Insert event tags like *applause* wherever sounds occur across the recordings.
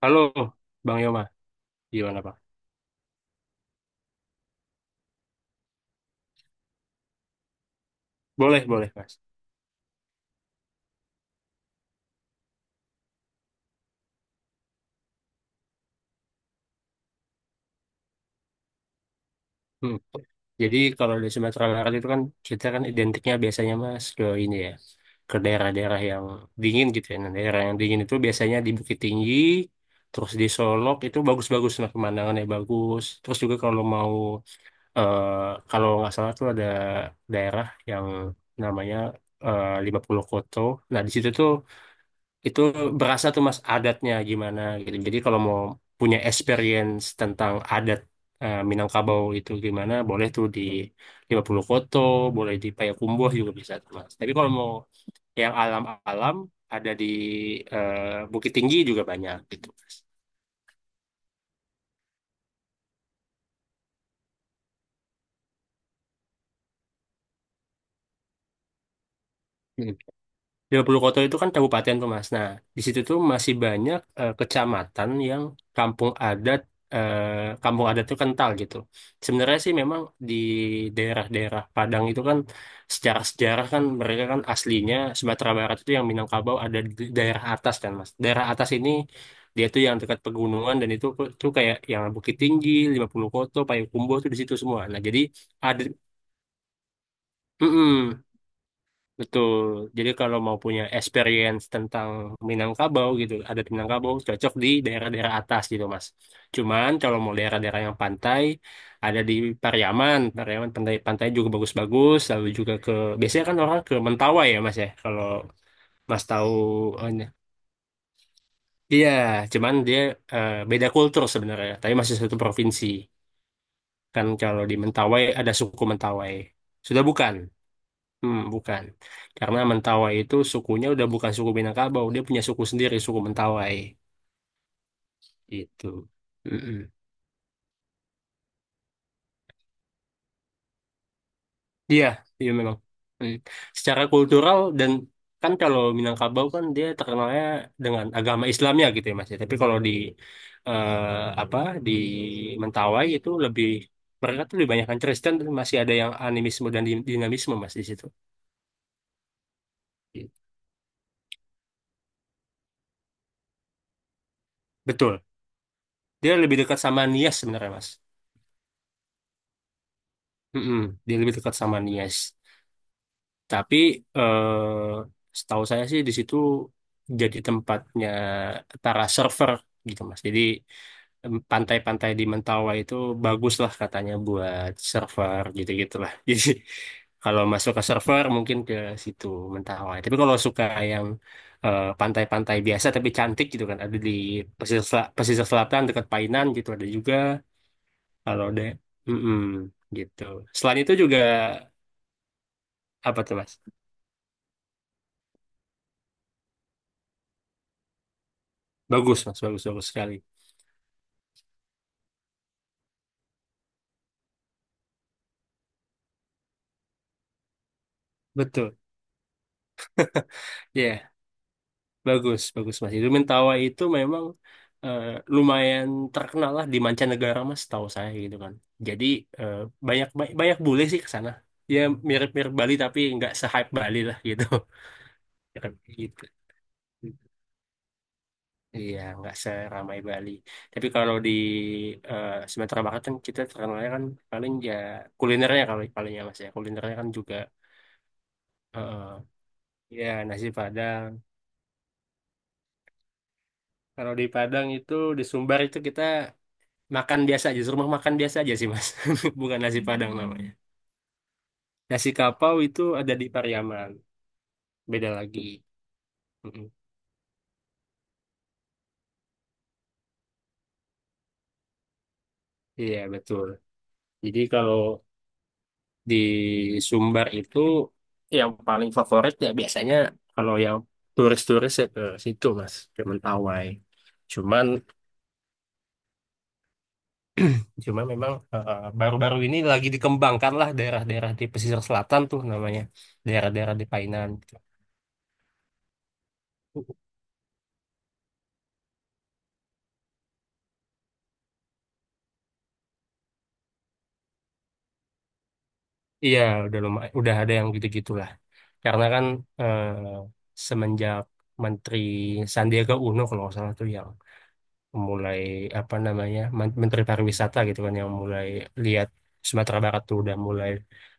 Halo, Bang Yoma. Gimana, Bang? Boleh, boleh, Mas. Hmm. Jadi kalau di Sumatera Barat itu kan kita kan identiknya biasanya Mas ke ini ya, ke daerah-daerah yang dingin gitu ya. Nah, daerah yang dingin itu biasanya di Bukit Tinggi, terus di Solok itu bagus-bagus, nah pemandangannya bagus. Terus juga kalau mau eh, kalau nggak salah tuh ada daerah yang namanya lima puluh Koto. Nah, di situ tuh itu berasa tuh mas adatnya gimana gitu. Jadi kalau mau punya experience tentang adat Minangkabau itu gimana, boleh tuh di lima puluh Koto, boleh di Payakumbuh juga bisa tuh mas. Tapi kalau mau yang alam-alam ada di eh, Bukit Tinggi juga banyak gitu mas. 30 kota itu kan kabupaten tuh Mas. Nah, di situ tuh masih banyak kecamatan yang kampung adat, eh, kampung adat tuh kental gitu. Sebenarnya sih memang di daerah-daerah Padang itu kan secara sejarah kan, mereka kan aslinya Sumatera Barat itu yang Minangkabau ada di daerah atas kan Mas. Daerah atas ini dia tuh yang dekat pegunungan, dan itu tuh kayak yang Bukit Tinggi, 50 Koto, Payakumbuh tuh di situ semua. Nah, jadi ada. Mm-mm. Betul. Jadi kalau mau punya experience tentang Minangkabau gitu, ada Minangkabau cocok di daerah-daerah atas gitu, Mas. Cuman kalau mau daerah-daerah yang pantai, ada di Pariaman. Pariaman pantai pantai juga bagus-bagus, lalu juga ke biasanya kan orang ke Mentawai ya, Mas ya. Kalau Mas tahu eh, iya, cuman dia beda kultur sebenarnya, tapi masih satu provinsi. Kan kalau di Mentawai ada suku Mentawai. Sudah bukan? Hmm, bukan. Karena Mentawai itu sukunya udah bukan suku Minangkabau, dia punya suku sendiri, suku Mentawai. Itu. Mm-mm. Iya, iya memang. Mm. Secara kultural dan kan kalau Minangkabau kan dia terkenalnya dengan agama Islamnya gitu ya Mas. Ya. Tapi kalau di eh, apa di Mentawai itu lebih, mereka tuh lebih banyak Kristen tapi masih ada yang animisme dan dinamisme Mas di situ. Gitu. Betul. Dia lebih dekat sama Nias sebenarnya Mas. Mm-mm. Dia lebih dekat sama Nias. Tapi setahu saya sih di situ jadi tempatnya para server gitu Mas. Jadi pantai-pantai di Mentawai itu bagus lah katanya buat server gitu-gitulah. *laughs* Jadi kalau masuk ke server mungkin ke situ Mentawai. Tapi kalau suka yang pantai-pantai biasa tapi cantik gitu kan ada di pesisir, pesisir selatan dekat Painan gitu ada juga. Kalau ada mm gitu. Selain itu juga apa tuh Mas? Bagus Mas, bagus bagus sekali. Betul, ya bagus, bagus Mas. Itu Mentawa itu memang eh, lumayan terkenal lah di mancanegara Mas, tahu saya gitu kan. Jadi eh, banyak banyak bule sih ke sana. Ya mirip-mirip Bali tapi nggak se-hype Bali lah gitu. *laughs* Mirip gitu. Iya, nggak seramai Bali. Tapi kalau di Sumatera Barat kan kita terkenalnya kan paling ya kulinernya kalau paling ya Mas ya. Kulinernya kan juga eh, ya nasi Padang. Kalau di Padang itu di Sumbar itu kita makan biasa aja, rumah makan biasa aja sih mas. *laughs* Bukan nasi Padang namanya. Nasi kapau itu ada di Pariaman, beda lagi. Mm-mm. Iya betul. Jadi kalau di Sumbar itu yang paling favorit ya biasanya kalau yang turis-turis ya ke situ mas, ke Mentawai. Cuman, memang baru-baru ini lagi dikembangkan lah daerah-daerah di pesisir selatan tuh namanya, daerah-daerah di Painan. Iya, udah lumayan, udah ada yang gitu-gitulah. Karena kan eh, semenjak Menteri Sandiaga Uno kalau nggak salah tuh yang mulai apa namanya Menteri Pariwisata gitu kan yang mulai lihat Sumatera Barat tuh udah mulai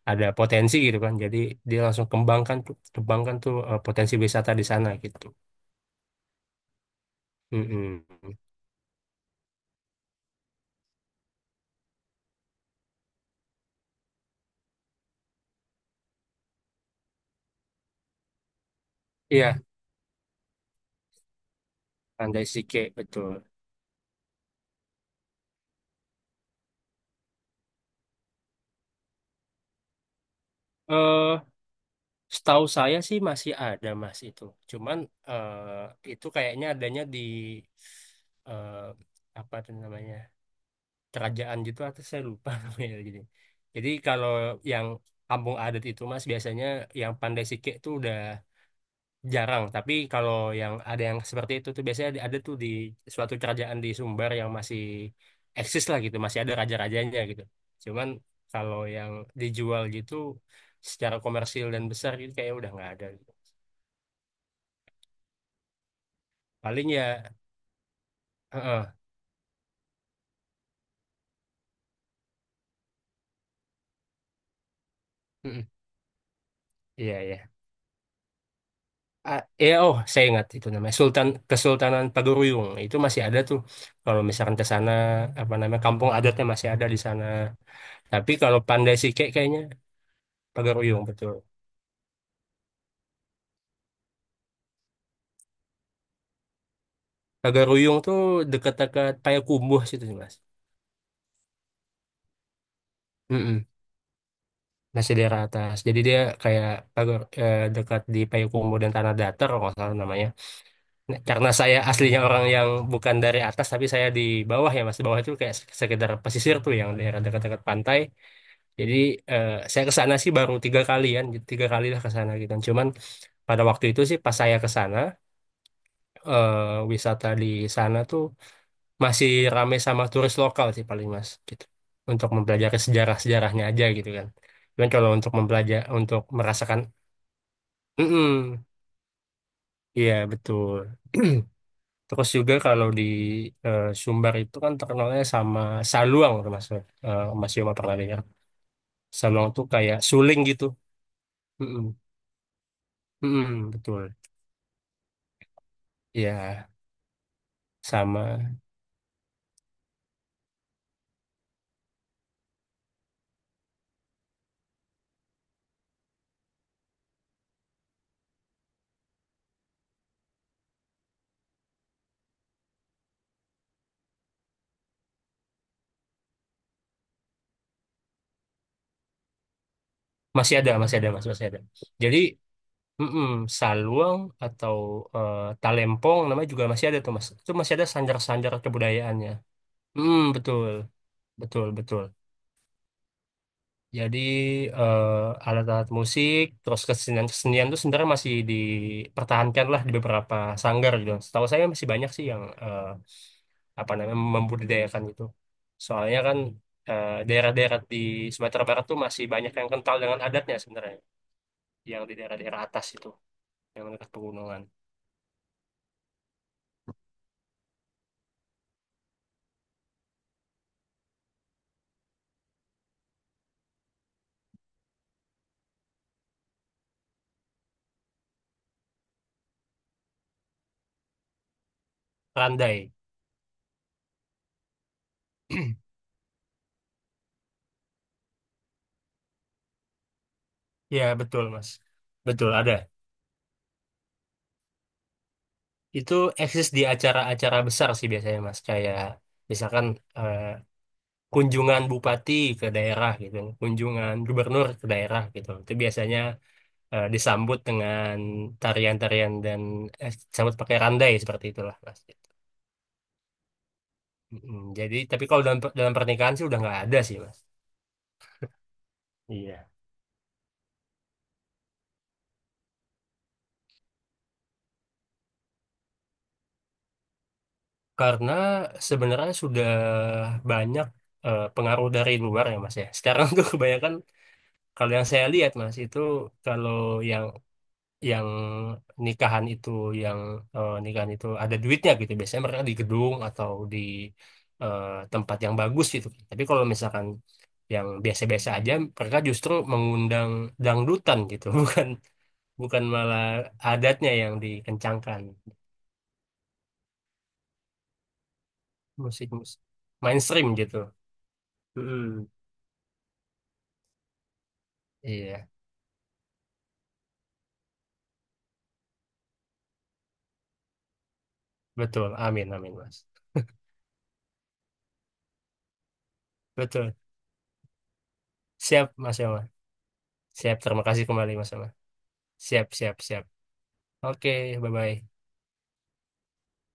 ada potensi gitu kan. Jadi dia langsung kembangkan tuh potensi wisata di sana gitu. Mm-mm. Iya, Pandai Sike betul. Eh, Setahu saya sih masih ada Mas itu. Cuman itu kayaknya adanya di eh, apa tuh namanya? Kerajaan gitu atau saya lupa *laughs* namanya jadi. Jadi kalau yang kampung adat itu Mas biasanya yang pandai sike itu udah jarang, tapi kalau yang ada yang seperti itu tuh biasanya ada tuh di suatu kerajaan di Sumbar yang masih eksis lah gitu, masih ada raja-rajanya gitu. Cuman kalau yang dijual gitu secara komersil dan besar itu kayak udah nggak ada. Paling ya, heeh, mm, iya iya. Ah, iya, oh saya ingat itu namanya Sultan Kesultanan Pagaruyung itu masih ada tuh. Kalau misalkan ke sana apa namanya kampung adatnya masih ada di sana. Tapi kalau Pandai Sike kayaknya. Pagaruyung betul. Pagaruyung tuh dekat-dekat Payakumbuh situ sih mas. Mm-mm, masih daerah atas. Jadi dia kayak dekat di Payakumbuh dan Tanah Datar kalau nggak salah namanya. Nah, karena saya aslinya orang yang bukan dari atas, tapi saya di bawah ya mas. Di bawah itu kayak sekedar pesisir tuh yang daerah dekat-dekat pantai. Jadi saya ke sana sih baru tiga kali kan, tiga kali lah ke sana gitu. Cuman pada waktu itu sih pas saya ke sana, wisata di sana tuh masih rame sama turis lokal sih paling mas gitu. Untuk mempelajari sejarah-sejarahnya aja gitu kan. Cuman kalau untuk mempelajari, untuk merasakan, mm iya betul. *clears throat* Terus juga kalau di Sumbar itu kan terkenalnya sama saluang, termasuk Mas Yoma pernah dengar. Saluang tuh kayak suling gitu. Mm-mm. Mm-mm, betul. Ya, sama masih ada, Mas, masih ada. Jadi mm-mm, saluang atau talempong namanya juga masih ada tuh, Mas. Itu masih ada sanjar-sanjar kebudayaannya. Mm, betul. Betul, betul. Jadi alat-alat musik, terus kesenian-kesenian itu sebenarnya masih dipertahankan lah di beberapa sanggar gitu. Setahu saya masih banyak sih yang apa namanya membudidayakan itu. Soalnya kan daerah-daerah di Sumatera Barat tuh masih banyak yang kental dengan adatnya sebenarnya, yang di daerah-daerah atas itu, yang dekat pegunungan. Randai, ya betul Mas, betul ada. Itu eksis di acara-acara besar sih biasanya Mas, kayak misalkan eh, kunjungan bupati ke daerah gitu, kunjungan gubernur ke daerah gitu. Itu biasanya disambut dengan tarian-tarian dan disambut pakai randai seperti itulah, Mas. Gitu. Mm, jadi, tapi kalau dalam dalam pernikahan sih udah nggak ada sih, Mas. Iya. Karena sebenarnya sudah banyak pengaruh dari luar ya, Mas ya. Sekarang *laughs* tuh kebanyakan kalau yang saya lihat, Mas, itu kalau yang yang nikahan itu yang nikahan itu ada duitnya gitu, biasanya mereka di gedung atau di eh, tempat yang bagus gitu kan. Tapi kalau misalkan yang biasa-biasa aja mereka justru mengundang dangdutan gitu, *laughs* bukan bukan malah adatnya yang dikencangkan, musik musik mainstream gitu. Mm-mm. Iya betul, amin, amin mas. Betul, siap mas Yoma, siap, terima kasih kembali mas Yoma, siap, siap, siap, oke, bye bye.